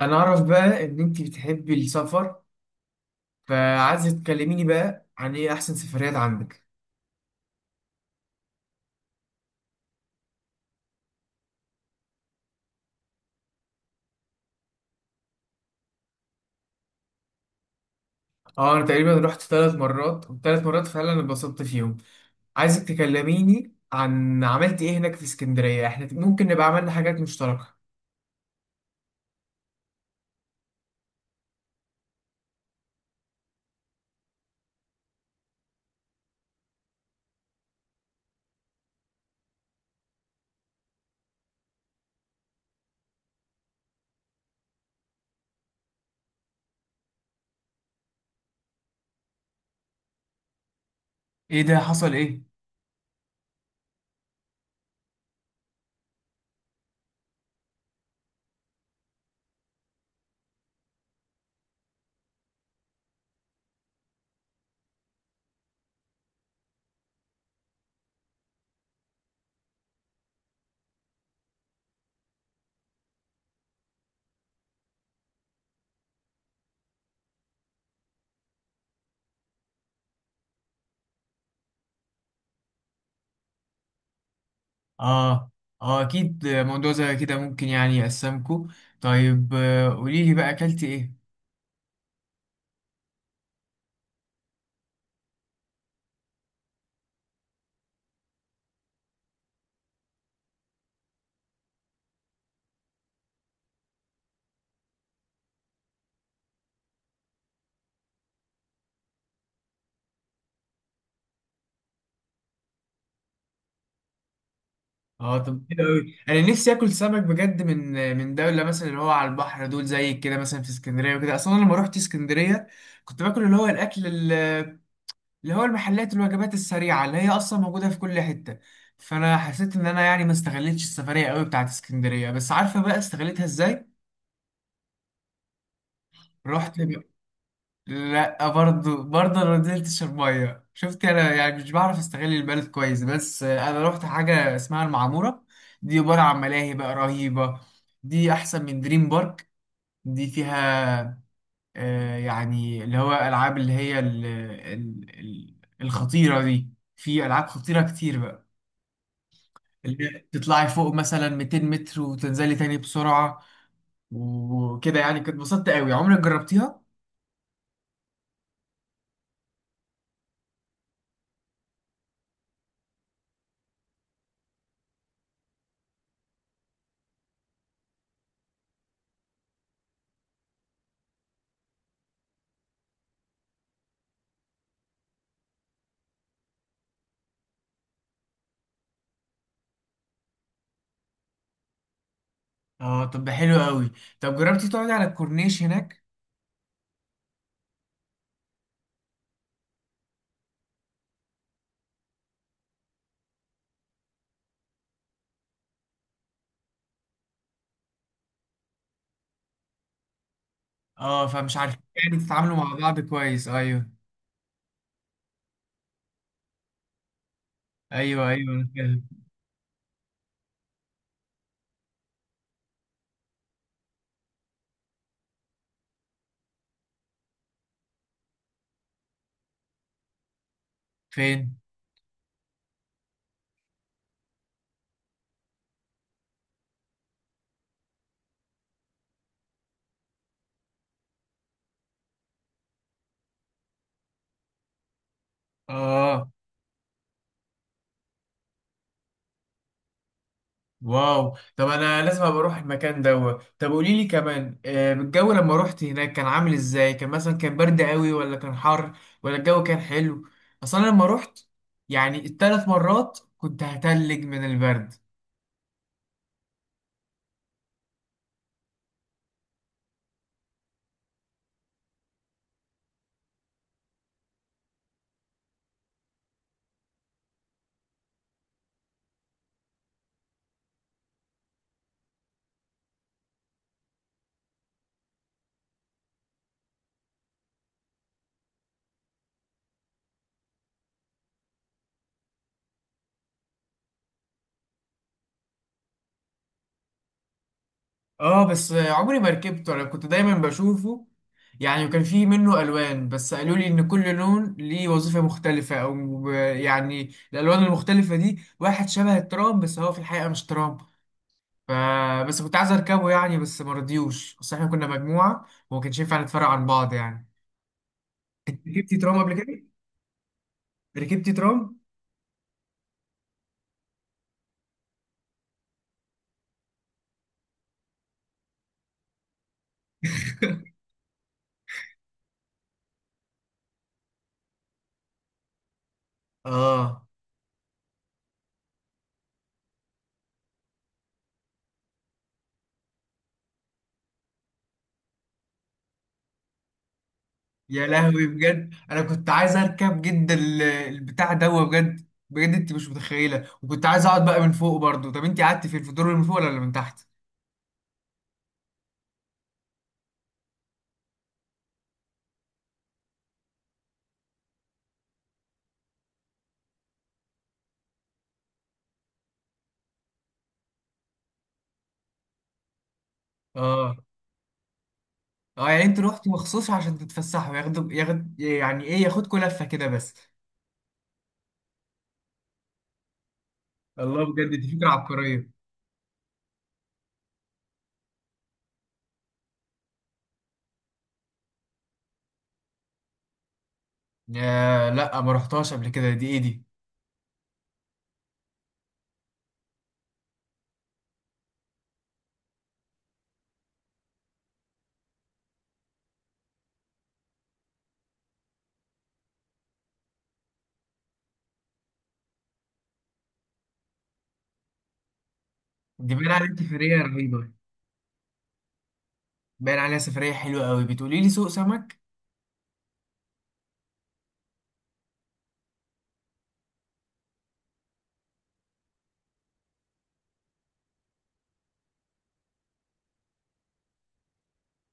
انا اعرف بقى ان انت بتحبي السفر. فعايزه تكلميني بقى عن ايه احسن سفريات عندك. اه انا تقريبا رحت ثلاث مرات والثلاث مرات فعلا اتبسطت فيهم. عايزك تكلميني عن عملت ايه هناك في اسكندريه، احنا ممكن نبقى عملنا حاجات مشتركه. ايه ده؟ حصل ايه؟ اه. اه اكيد موضوع زي كده ممكن يعني يقسمكو. طيب قوليلي بقى اكلتي ايه. اه طب حلو قوي، انا نفسي اكل سمك بجد من دوله مثلا اللي هو على البحر، دول زي كده مثلا في اسكندريه وكده. اصلا أنا لما روحت اسكندريه كنت باكل اللي هو الاكل اللي هو المحلات الوجبات السريعه اللي هي اصلا موجوده في كل حته. فانا حسيت ان انا يعني ما استغلتش السفريه قوي بتاعت اسكندريه، بس عارفه بقى استغلتها ازاي؟ رحت. لا، برضه انا ما نزلتش الميه، شفت انا يعني مش بعرف استغل البلد كويس. بس انا رحت حاجه اسمها المعموره. دي عباره عن ملاهي بقى رهيبه. دي احسن من دريم بارك. دي فيها آه يعني اللي هو العاب اللي هي ال ال ال الخطيره دي. في العاب خطيره كتير بقى، اللي هي تطلعي فوق مثلا 200 متر وتنزلي تاني بسرعه وكده. يعني كنت اتبسطت قوي. عمرك جربتيها؟ اه طب ده حلو قوي. طب جربتي تقعدي على الكورنيش هناك؟ اه فمش عارفين يعني تتعاملوا مع بعض كويس، ايوه ايوه. ايوه أنا فاهم. فين؟ اه. واو، طب انا لازم ابقى اروح المكان دوت. طب قولي لي كمان، الجو لما روحت هناك كان عامل ازاي؟ كان مثلا كان برد قوي ولا كان حر ولا الجو كان حلو؟ اصلا لما روحت يعني الثلاث مرات كنت هتلج من البرد. اه بس عمري ما ركبته، انا كنت دايما بشوفه يعني. وكان فيه منه الوان، بس قالوا لي ان كل لون ليه وظيفة مختلفة او يعني الالوان المختلفة دي واحد شبه الترام بس هو في الحقيقة مش ترام. ف بس كنت عايز اركبه يعني، بس ما رضيوش، بس احنا كنا مجموعة وما كانش ينفع نتفرق عن بعض يعني. انت ركبتي ترام قبل كده؟ ركبتي ترام؟ اه. يا لهوي بجد انا كنت عايز اركب جدا البتاع ده، بجد بجد انت مش متخيله. وكنت عايز اقعد بقى من فوق برضو. طب انت قعدتي فين؟ في الدور اللي من فوق ولا اللي من تحت؟ اه. اه يعني انت رحتي مخصوص عشان تتفسحوا، ياخدوا يعني ايه، ياخدكوا لفه كده بس؟ الله بجد دي فكره عبقريه. يا لا ما رحتهاش قبل كده، دي ايه دي؟ دي باين عليها سفريه رهيبه. باين عليها سفريه حلوه قوي. بتقولي لي سوق سمك؟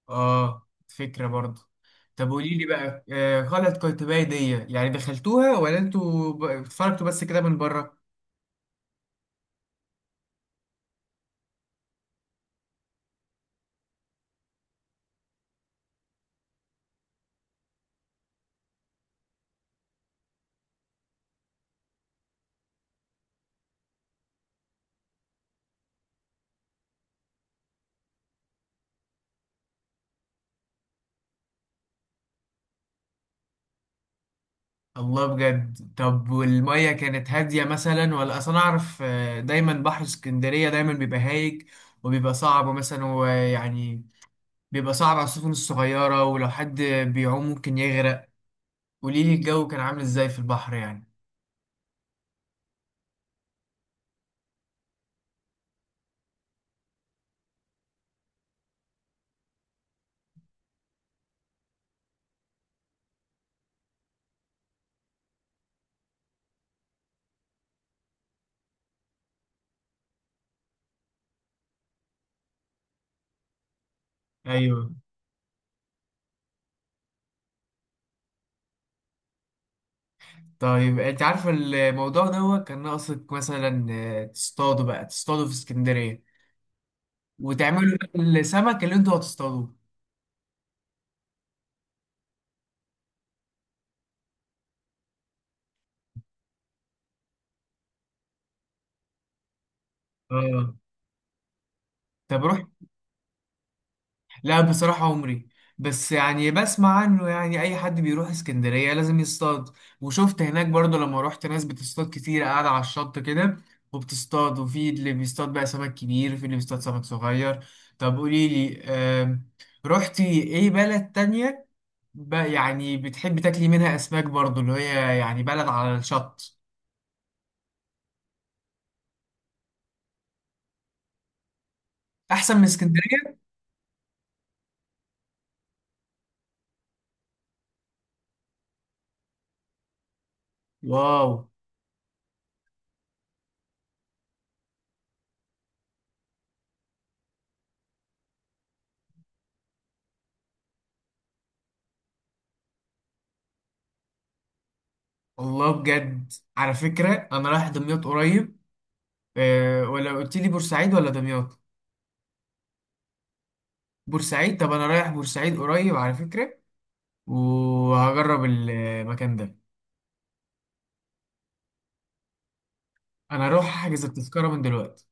اه فكرة برضه. طب قولي لي بقى غلط، قيتباي دي يعني دخلتوها ولا انتوا اتفرجتوا بس كده من بره؟ الله بجد. طب والمية كانت هادية مثلا؟ ولا اصلا اعرف آه دايما بحر اسكندرية دايما بيبقى هايج وبيبقى صعب مثلا، ويعني بيبقى صعب على السفن الصغيرة ولو حد بيعوم ممكن يغرق. قولي لي الجو كان عامل ازاي في البحر يعني. ايوه. طيب انت عارفه الموضوع دوت كان ناقصك مثلا، تصطادوا بقى، تصطادوا في اسكندرية وتعملوا بقى السمك اللي انتوا هتصطادوه. اه طب روح. لا بصراحة عمري. بس يعني بسمع عنه، يعني اي حد بيروح اسكندرية لازم يصطاد. وشفت هناك برضو لما روحت ناس بتصطاد كتير قاعدة على الشط كده وبتصطاد، وفي اللي بيصطاد بقى سمك كبير وفي اللي بيصطاد سمك صغير. طب قولي لي، آم، رحتي ايه بلد تانية بقى يعني بتحبي تاكلي منها اسماك برضو، اللي هي يعني بلد على الشط؟ احسن من اسكندرية؟ واو. والله بجد على فكرة أنا رايح دمياط قريب. أه، ولا قلت لي بورسعيد ولا دمياط؟ بورسعيد؟ طب أنا رايح بورسعيد قريب على فكرة وهجرب المكان ده. أنا هروح أحجز التذكرة من دلوقتي.